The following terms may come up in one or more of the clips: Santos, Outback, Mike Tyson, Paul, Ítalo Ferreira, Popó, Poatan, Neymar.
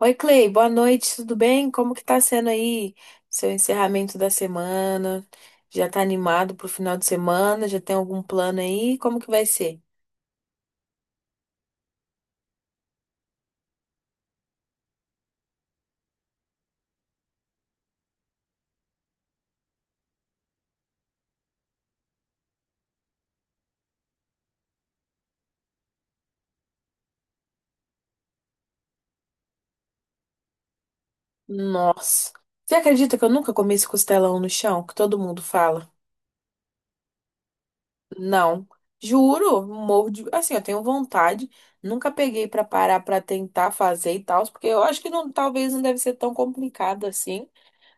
Oi, Clay, boa noite, tudo bem? Como que tá sendo aí seu encerramento da semana? Já tá animado pro final de semana? Já tem algum plano aí? Como que vai ser? Nossa. Você acredita que eu nunca comi esse costelão no chão, que todo mundo fala? Não. Juro, morro de... Assim, eu tenho vontade, nunca peguei pra parar pra tentar fazer e tal, porque eu acho que não, talvez não deve ser tão complicado assim.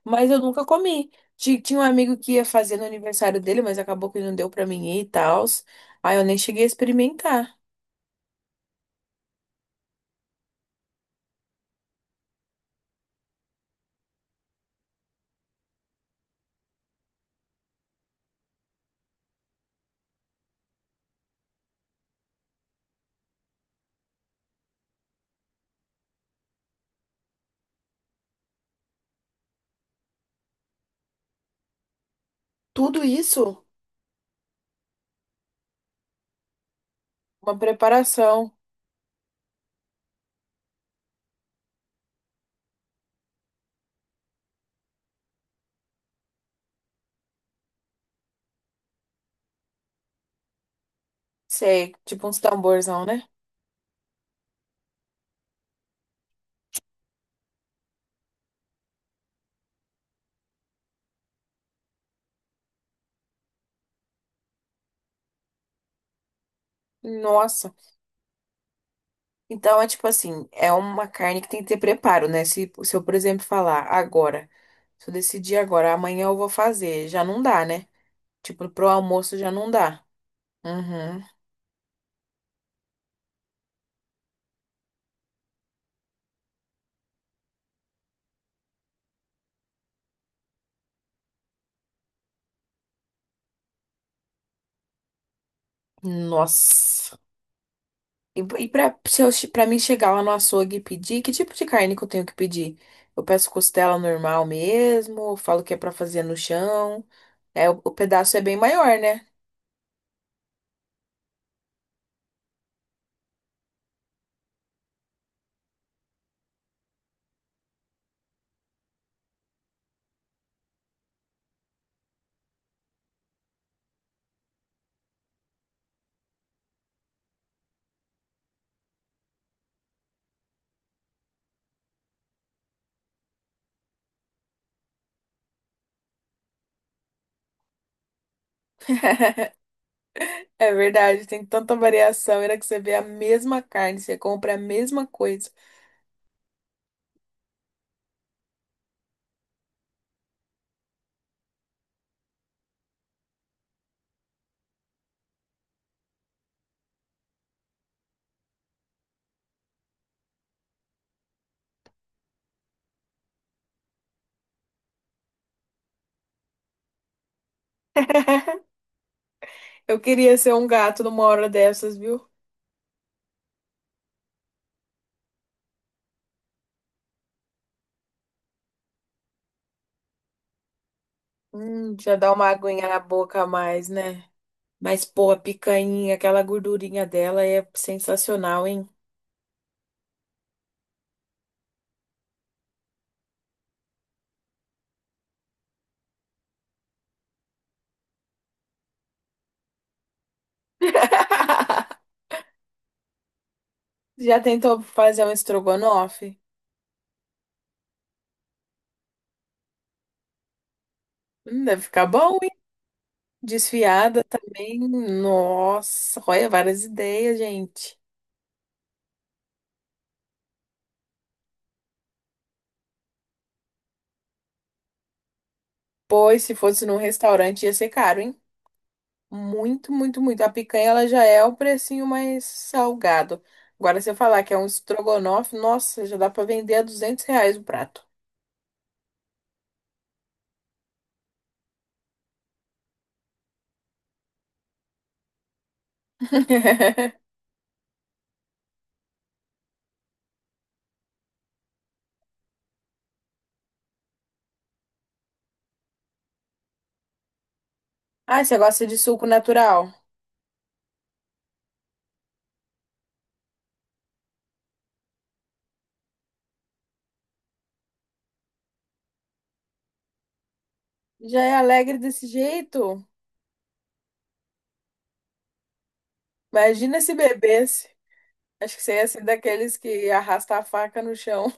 Mas eu nunca comi. Tinha um amigo que ia fazer no aniversário dele, mas acabou que não deu pra mim ir e tal. Aí eu nem cheguei a experimentar. Tudo isso? Uma preparação, sei, tipo uns tamborzão, né? Nossa. Então é tipo assim, é uma carne que tem que ter preparo, né? Se eu, por exemplo, falar agora, se eu decidir agora, amanhã eu vou fazer, já não dá, né? Tipo, pro almoço já não dá. Uhum. Nossa. E pra, se eu, pra mim chegar lá no açougue e pedir, que tipo de carne que eu tenho que pedir? Eu peço costela normal mesmo, eu falo que é pra fazer no chão. É, o pedaço é bem maior, né? É verdade, tem tanta variação. Era que você vê a mesma carne, você compra a mesma coisa. Eu queria ser um gato numa hora dessas, viu? Já dá uma aguinha na boca a mais, né? Mas, pô, a picanha, aquela gordurinha dela é sensacional, hein? Já tentou fazer um estrogonofe? Deve ficar bom, hein? Desfiada também. Nossa, olha, várias ideias, gente. Pois, se fosse num restaurante, ia ser caro, hein? Muito, muito, muito. A picanha, ela já é o precinho mais salgado. Agora, se eu falar que é um estrogonofe, nossa, já dá pra vender a R$ 200 o prato. Ai, você gosta de suco natural? Já é alegre desse jeito? Imagina se bebesse. Acho que você ia ser daqueles que arrasta a faca no chão.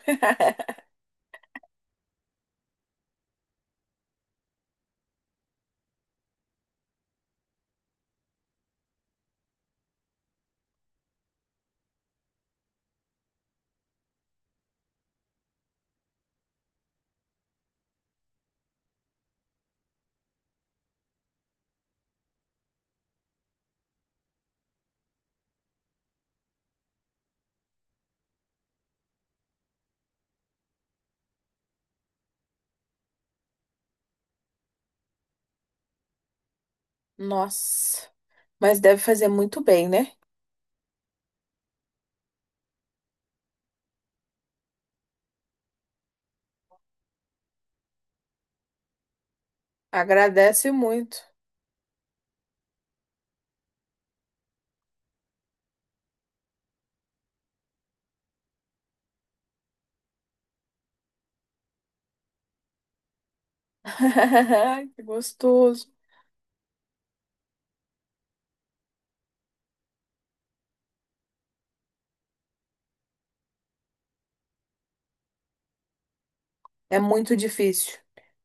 Nossa, mas deve fazer muito bem, né? Agradece muito. Que gostoso. É muito difícil.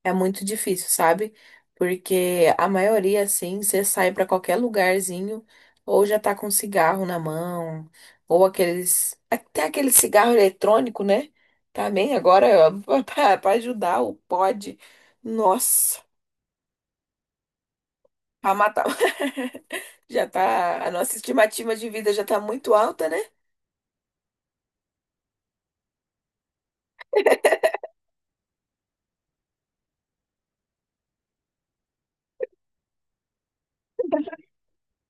É muito difícil, sabe? Porque a maioria, assim, você sai pra qualquer lugarzinho, ou já tá com cigarro na mão, ou aqueles. Até aquele cigarro eletrônico, né? Também agora, ó, pra ajudar o pod. Nossa, pra matar. Já tá. A nossa estimativa de vida já tá muito alta, né?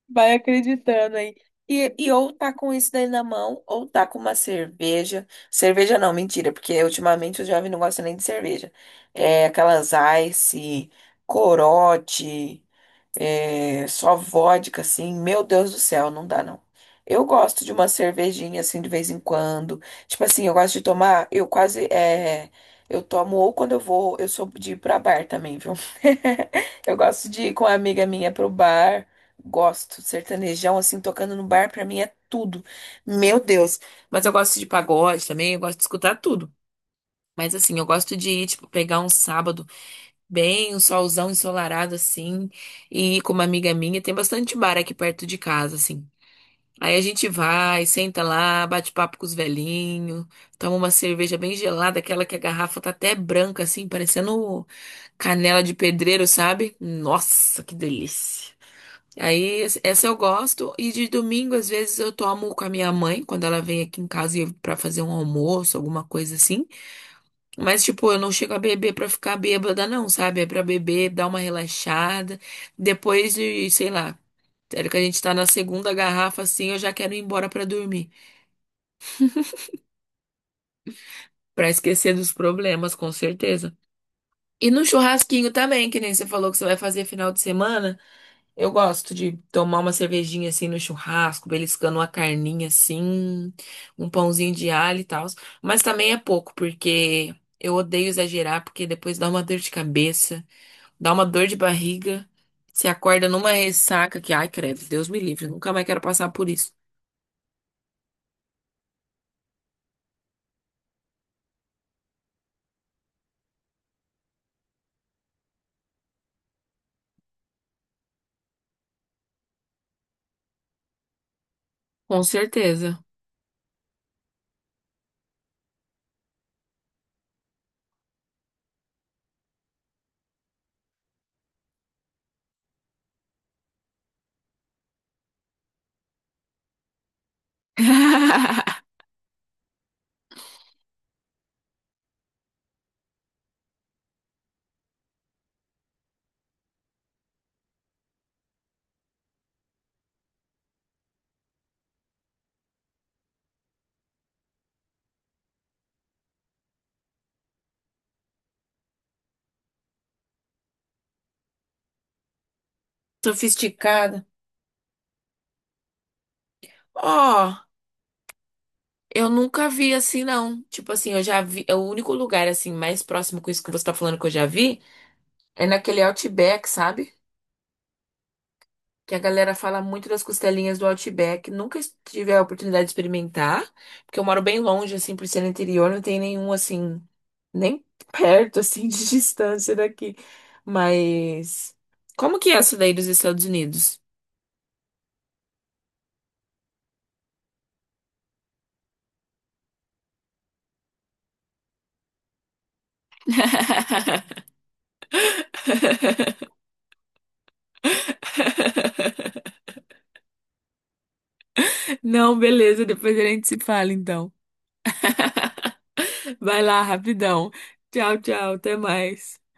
Vai acreditando aí. E ou tá com isso daí na mão, ou tá com uma cerveja. Cerveja não, mentira, porque ultimamente o jovem não gosta nem de cerveja. É aquelas Ice, Corote. É, só vodka, assim, meu Deus do céu, não dá não. Eu gosto de uma cervejinha, assim, de vez em quando. Tipo assim, eu gosto de tomar, eu quase, é, eu tomo ou quando eu vou, eu sou de ir pra bar também, viu? Eu gosto de ir com uma amiga minha pro bar, gosto, sertanejão, assim, tocando no bar, pra mim é tudo. Meu Deus, mas eu gosto de pagode também, eu gosto de escutar tudo. Mas assim, eu gosto de ir, tipo, pegar um sábado bem, um solzão ensolarado assim, e com uma amiga minha, tem bastante bar aqui perto de casa, assim. Aí a gente vai, senta lá, bate papo com os velhinhos, toma uma cerveja bem gelada, aquela que a garrafa tá até branca, assim, parecendo canela de pedreiro, sabe? Nossa, que delícia! Aí, essa eu gosto, e de domingo, às vezes, eu tomo com a minha mãe, quando ela vem aqui em casa pra fazer um almoço, alguma coisa assim. Mas, tipo, eu não chego a beber pra ficar bêbada, não, sabe? É pra beber, dar uma relaxada. Depois de, sei lá, sério que a gente tá na segunda garrafa, assim, eu já quero ir embora pra dormir. Pra esquecer dos problemas, com certeza. E no churrasquinho também, que nem você falou que você vai fazer final de semana. Eu gosto de tomar uma cervejinha assim no churrasco, beliscando uma carninha assim, um pãozinho de alho e tal. Mas também é pouco, porque eu odeio exagerar, porque depois dá uma dor de cabeça. Dá uma dor de barriga. Se acorda numa ressaca que, ai, credo, Deus me livre, nunca mais quero passar por isso. Com certeza. Sofisticada. Ó, eu nunca vi assim, não. Tipo assim, eu já vi. O único lugar, assim, mais próximo com isso que você tá falando que eu já vi é naquele Outback, sabe? Que a galera fala muito das costelinhas do Outback. Nunca tive a oportunidade de experimentar, porque eu moro bem longe, assim, por ser no interior, não tem nenhum, assim, nem perto, assim, de distância daqui. Mas como que é essa daí dos Estados Unidos? Não, beleza, depois a gente se fala, então. Vai lá, rapidão. Tchau, tchau, até mais.